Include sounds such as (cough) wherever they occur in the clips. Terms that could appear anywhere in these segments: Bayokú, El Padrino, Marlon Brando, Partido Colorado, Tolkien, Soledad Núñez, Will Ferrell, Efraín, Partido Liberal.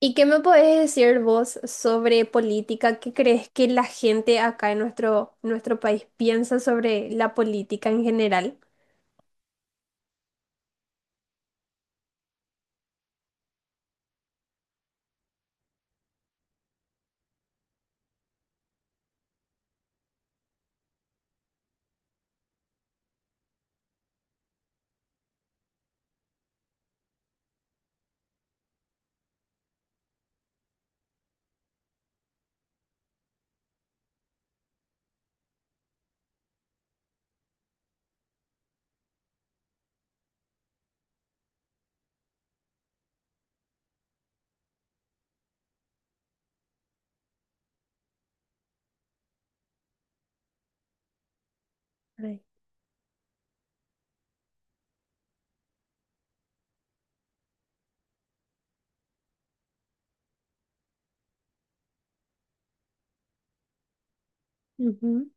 ¿Y qué me podés decir vos sobre política? ¿Qué crees que la gente acá en nuestro país piensa sobre la política en general? Ay. Ujú.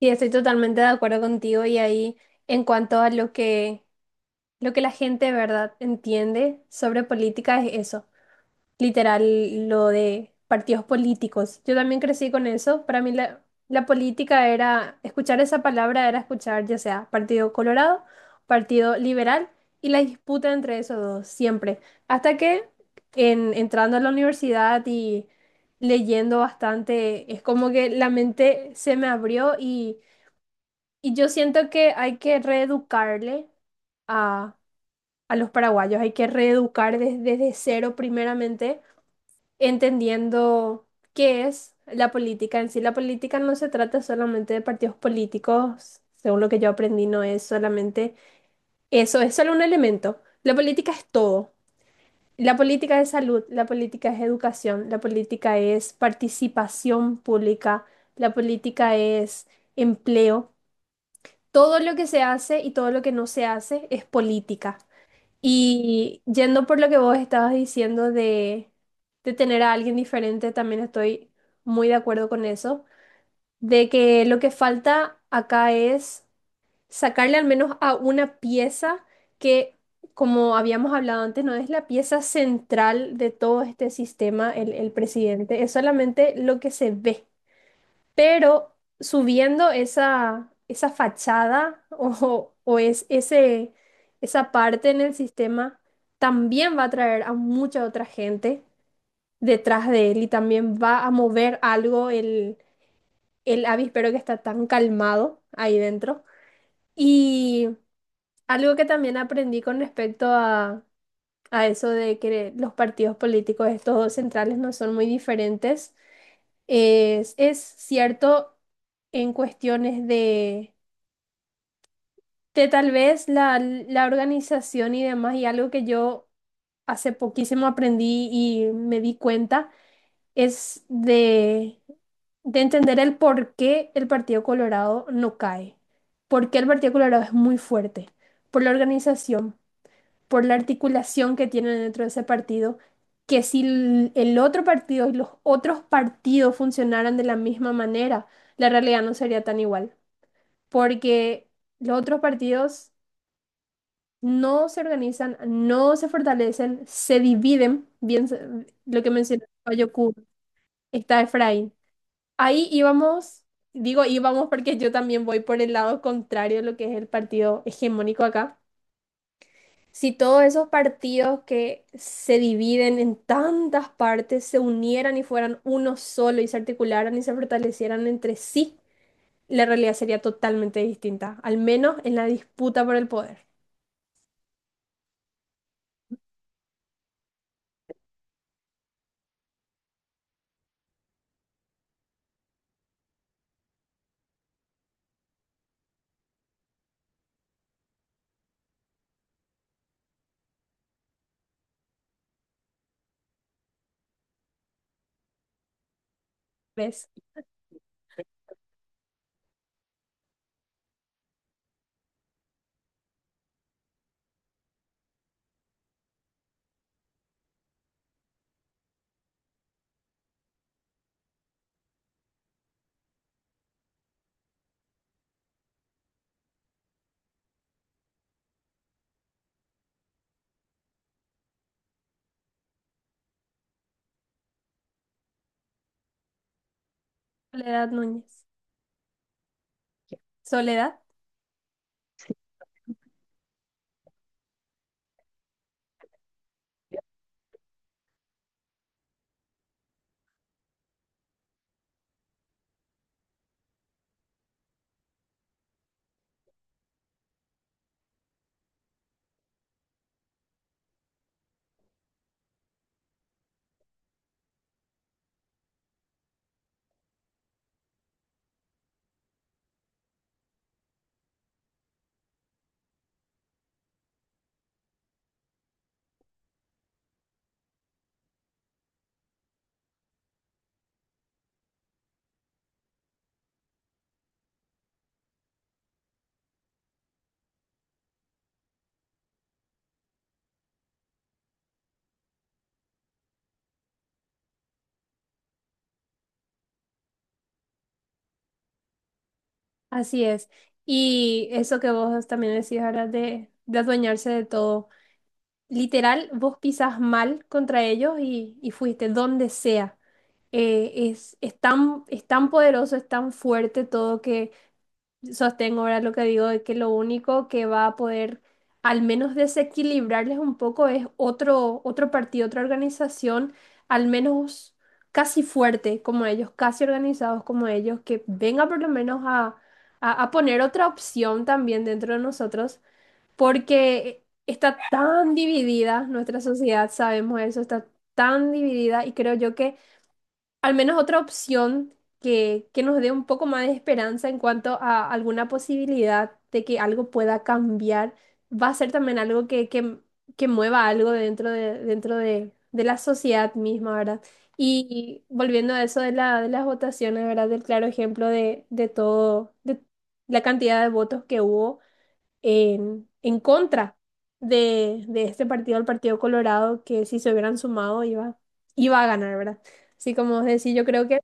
Sí, estoy totalmente de acuerdo contigo y ahí en cuanto a lo que la gente, ¿verdad?, entiende sobre política es eso. Literal lo de partidos políticos. Yo también crecí con eso. Para mí la política era, escuchar esa palabra era escuchar ya sea Partido Colorado, Partido Liberal y la disputa entre esos dos, siempre. Hasta que entrando a la universidad y leyendo bastante, es como que la mente se me abrió y yo siento que hay que reeducarle a, a los paraguayos, hay que reeducar desde cero primeramente entendiendo qué es la política en sí. La política no se trata solamente de partidos políticos, según lo que yo aprendí, no es solamente eso, es solo un elemento. La política es todo. La política es salud, la política es educación, la política es participación pública, la política es empleo. Todo lo que se hace y todo lo que no se hace es política. Y yendo por lo que vos estabas diciendo de tener a alguien diferente, también estoy muy de acuerdo con eso, de que lo que falta acá es sacarle al menos a una pieza que, como habíamos hablado antes, no es la pieza central de todo este sistema, el presidente, es solamente lo que se ve. Pero subiendo esa fachada (laughs) o es ese, esa parte en el sistema, también va a atraer a mucha otra gente detrás de él y también va a mover algo el avispero que está tan calmado ahí dentro. Y algo que también aprendí con respecto a eso de que los partidos políticos, estos dos centrales, no son muy diferentes, es cierto en cuestiones de tal vez la organización y demás, y algo que yo hace poquísimo aprendí y me di cuenta, es de entender el por qué el Partido Colorado no cae, por qué el Partido Colorado es muy fuerte, por la organización, por la articulación que tienen dentro de ese partido, que si el otro partido y los otros partidos funcionaran de la misma manera, la realidad no sería tan igual, porque los otros partidos no se organizan, no se fortalecen, se dividen, lo que mencionó Bayokú, está Efraín. Ahí íbamos, digo íbamos porque yo también voy por el lado contrario de lo que es el partido hegemónico acá. Si todos esos partidos que se dividen en tantas partes se unieran y fueran uno solo y se articularan y se fortalecieran entre sí, la realidad sería totalmente distinta, al menos en la disputa por el poder. ¿Ves? Soledad Núñez. Soledad. Así es. Y eso que vos también decís ahora de adueñarse de todo. Literal, vos pisas mal contra ellos y fuiste donde sea. Es, es tan poderoso, es tan fuerte todo, sostengo ahora lo que digo de que lo único que va a poder al menos desequilibrarles un poco es otro, otro partido, otra organización, al menos casi fuerte como ellos, casi organizados como ellos, que venga por lo menos a poner otra opción también dentro de nosotros, porque está tan dividida nuestra sociedad, sabemos eso, está tan dividida y creo yo que al menos otra opción que nos dé un poco más de esperanza en cuanto a alguna posibilidad de que algo pueda cambiar, va a ser también algo que mueva algo dentro de la sociedad misma, ¿verdad? Y volviendo a eso de de las votaciones, ¿verdad? Del claro ejemplo de todo, de la cantidad de votos que hubo en contra de este partido, el Partido Colorado, que si se hubieran sumado iba a ganar, ¿verdad? Así como vos decís, yo creo que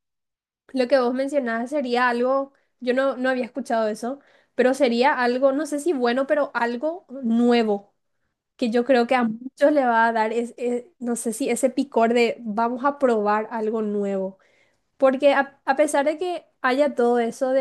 lo que vos mencionabas sería algo, yo no, no había escuchado eso, pero sería algo, no sé si bueno, pero algo nuevo, que yo creo que a muchos le va a dar, no sé si ese picor de vamos a probar algo nuevo. Porque a pesar de que haya todo eso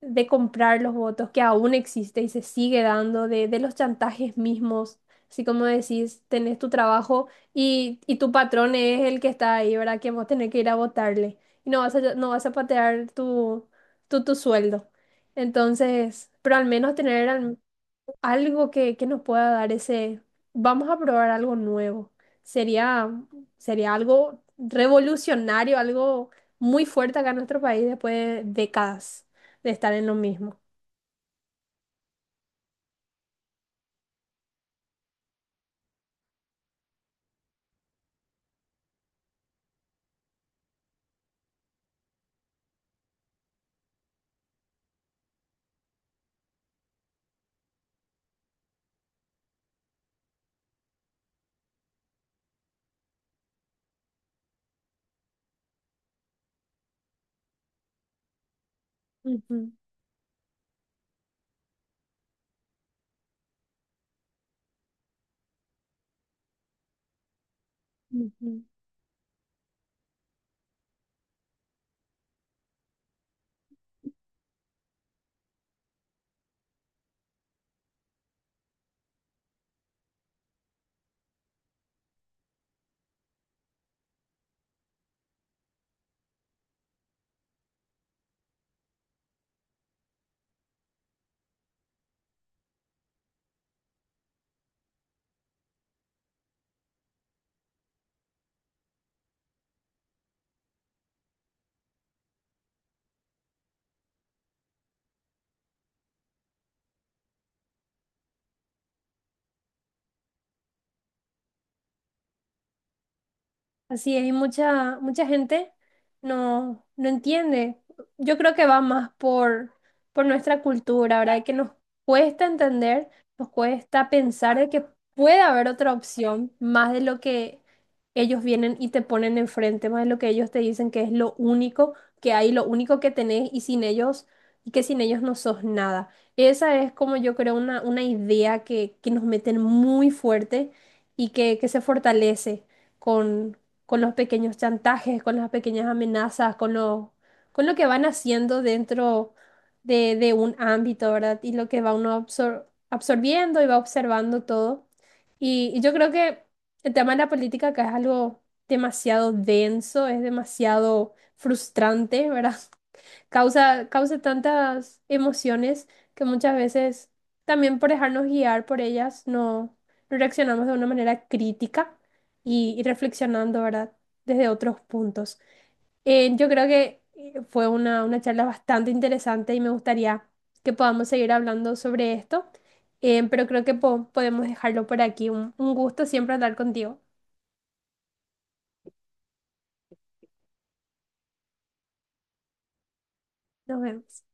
de comprar los votos que aún existe y se sigue dando, de los chantajes mismos, así como decís, tenés tu trabajo y tu patrón es el que está ahí, ¿verdad? Que vos tenés que ir a votarle y no vas no vas a patear tu sueldo. Entonces, pero al menos algo que nos pueda dar ese, vamos a probar algo nuevo. Sería, sería algo revolucionario, algo muy fuerte acá en nuestro país después de décadas de estar en lo mismo. Ujú, ujú. Así es, y mucha gente no, no entiende. Yo creo que va más por nuestra cultura, ¿verdad? Que nos cuesta entender, nos cuesta pensar de que puede haber otra opción más de lo que ellos vienen y te ponen enfrente, más de lo que ellos te dicen que es lo único que hay, lo único que tenés y sin ellos, y que sin ellos no sos nada. Esa es como yo creo una idea que nos meten muy fuerte y que se fortalece con con los pequeños chantajes, con las pequeñas amenazas, con lo que van haciendo dentro de un ámbito, ¿verdad? Y lo que va uno absorbiendo y va observando todo. Y yo creo que el tema de la política acá es algo demasiado denso, es demasiado frustrante, ¿verdad? (laughs) causa, causa tantas emociones que muchas veces también por dejarnos guiar por ellas no, no reaccionamos de una manera crítica y reflexionando, ¿verdad? Desde otros puntos. Yo creo que fue una charla bastante interesante y me gustaría que podamos seguir hablando sobre esto, pero creo que podemos dejarlo por aquí. Un gusto siempre hablar contigo. Nos vemos.